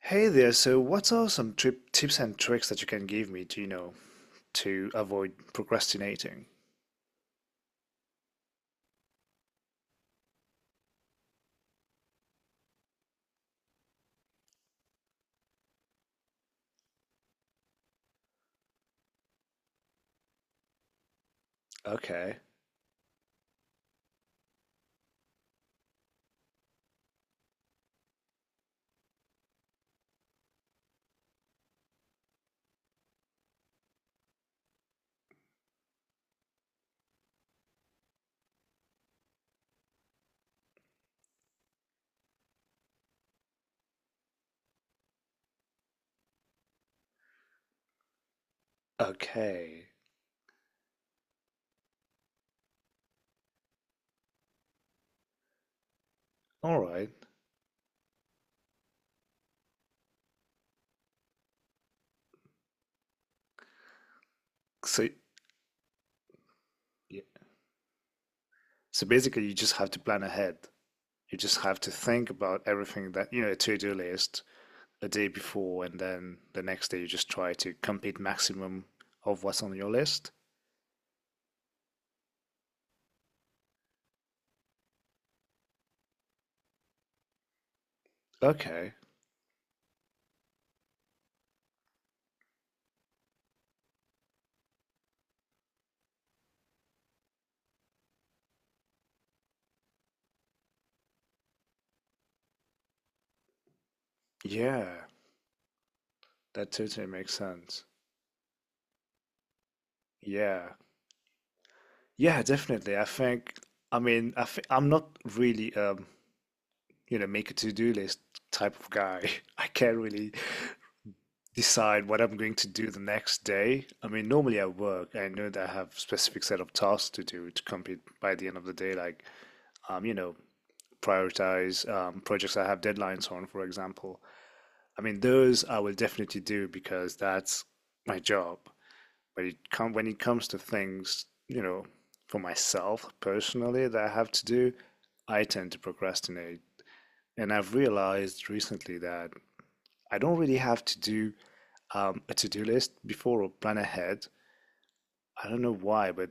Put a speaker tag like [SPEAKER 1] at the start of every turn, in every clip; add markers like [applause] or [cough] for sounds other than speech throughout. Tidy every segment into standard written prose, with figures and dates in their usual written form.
[SPEAKER 1] Hey there, so what are some trip tips and tricks that you can give me to, to avoid procrastinating? Okay. Okay. All right. So, yeah. So basically you just have to plan ahead. You just have to think about everything that, you know, a to-do list a day before, and then the next day you just try to complete maximum of what's on your list. Okay. Yeah. That totally makes sense. Yeah. Yeah, definitely. I think I mean, I'm not really you know, make a to-do list type of guy. [laughs] I can't really decide what I'm going to do the next day. I mean, normally at work, I know that I have a specific set of tasks to do to complete by the end of the day, like you know, prioritize projects I have deadlines on, for example. I mean, those I will definitely do because that's my job. But it come when it comes to things, you know, for myself personally that I have to do, I tend to procrastinate. And I've realized recently that I don't really have to do a to-do list before or plan ahead. I don't know why, but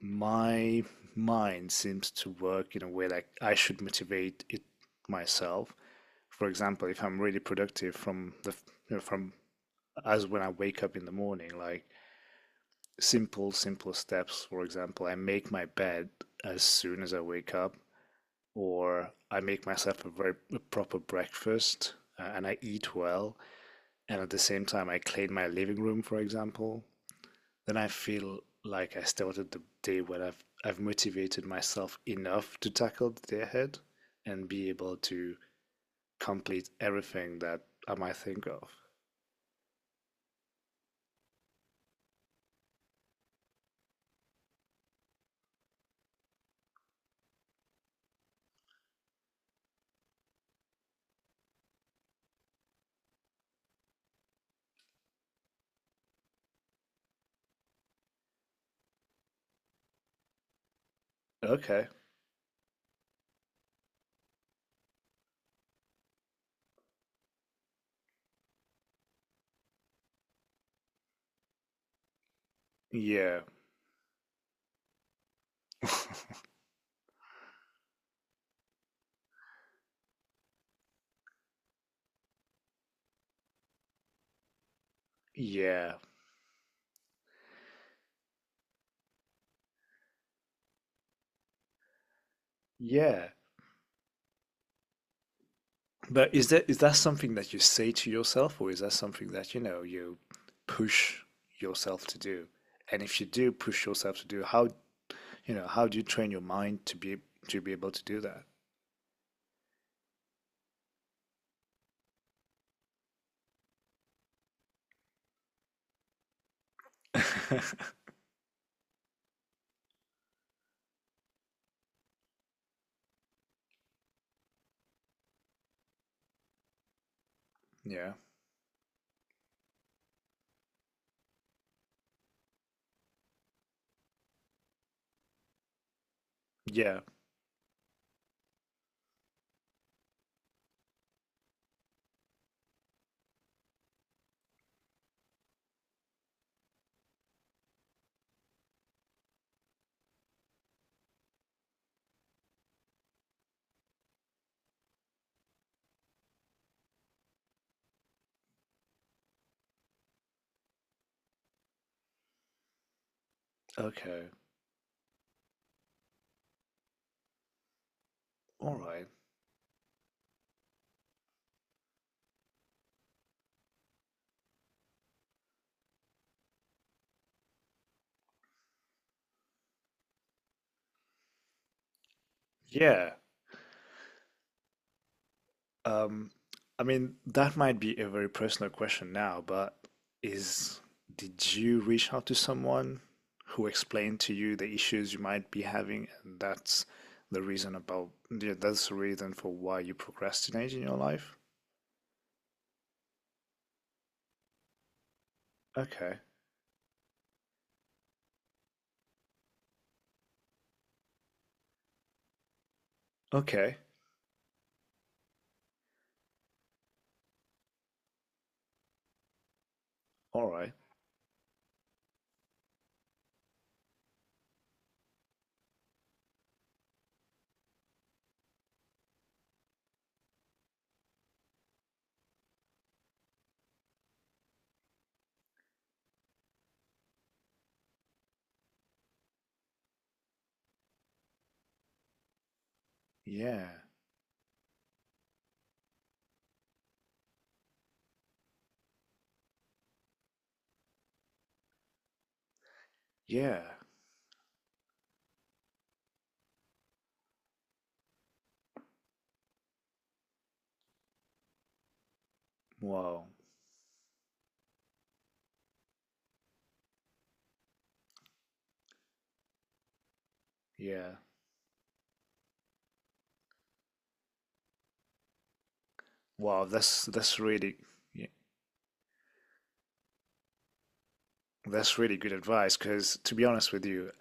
[SPEAKER 1] my mind seems to work in a way like I should motivate it myself. For example, if I'm really productive from from as when I wake up in the morning, like simple steps. For example, I make my bed as soon as I wake up, or I make myself a proper breakfast and I eat well, and at the same time I clean my living room, for example. Then I feel like I started the day when I've motivated myself enough to tackle the day ahead and be able to complete everything that I might think of. Okay. Yeah. [laughs] Yeah. Yeah. But is that something that you say to yourself, or is that something that, you know, you push yourself to do? And if you do push yourself to do, how, you know, how do you train your mind to be able to do that? [laughs] Yeah. Yeah. Okay. All right. Yeah. Um, I mean, that might be a very personal question now, but is did you reach out to someone who explained to you the issues you might be having, and that's the reason about yeah, that's the reason for why you procrastinate in your life? Okay. Okay. All right. Yeah. Yeah. Wow. Yeah. Wow, that's really. That's really good advice because, to be honest with you,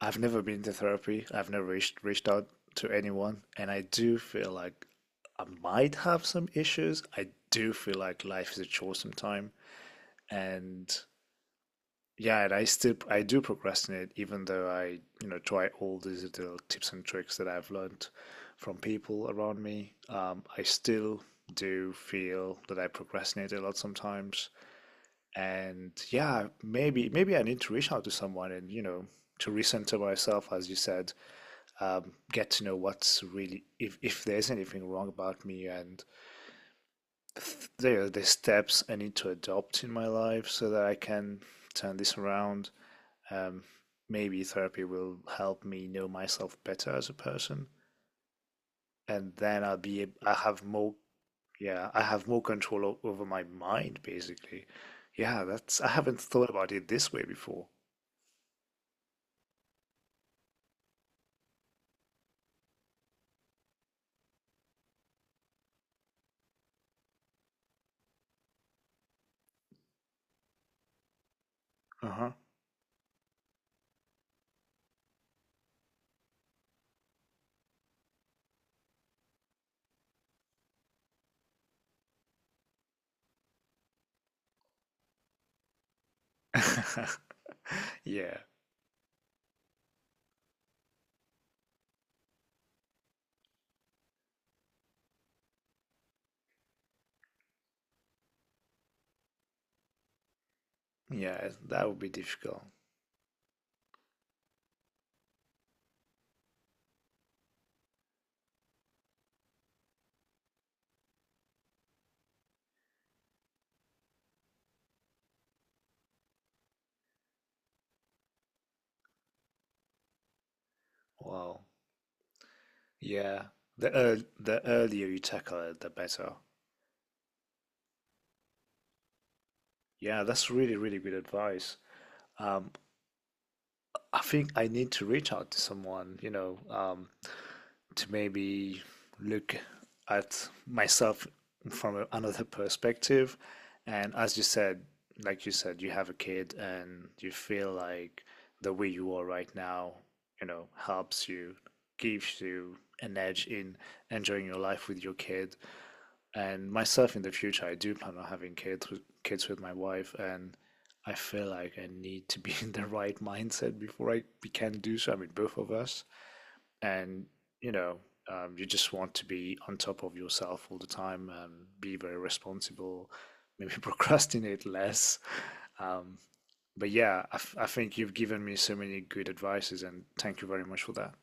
[SPEAKER 1] I've never been to therapy. I've never reached out to anyone, and I do feel like I might have some issues. I do feel like life is a chore sometimes, and yeah, and I do procrastinate, even though I you know try all these little tips and tricks that I've learned from people around me. I still do feel that I procrastinate a lot sometimes, and yeah, maybe I need to reach out to someone and, you know, to recenter myself, as you said. Get to know what's really, if there's anything wrong about me, and there are the steps I need to adopt in my life so that I can turn this around. Um, Maybe therapy will help me know myself better as a person, and then I have more yeah I have more control over my mind basically. Yeah, that's I haven't thought about it this way before. Uh huh. [laughs] Yeah, yeah, that would be difficult. Wow. Yeah, the earlier you tackle it, the better. Yeah, that's really, really good advice. Um, I think I need to reach out to someone, you know, to maybe look at myself from another perspective. And as you said, like you said, you have a kid and you feel like the way you are right now, you know, helps you, gives you an edge in enjoying your life with your kid. And myself in the future, I do plan on having kids with my wife, and I feel like I need to be [laughs] in the right mindset before I can do so. I mean, both of us, and you know, you just want to be on top of yourself all the time, be very responsible, [laughs] maybe procrastinate less. Um, but yeah, I think you've given me so many good advices, and thank you very much for that.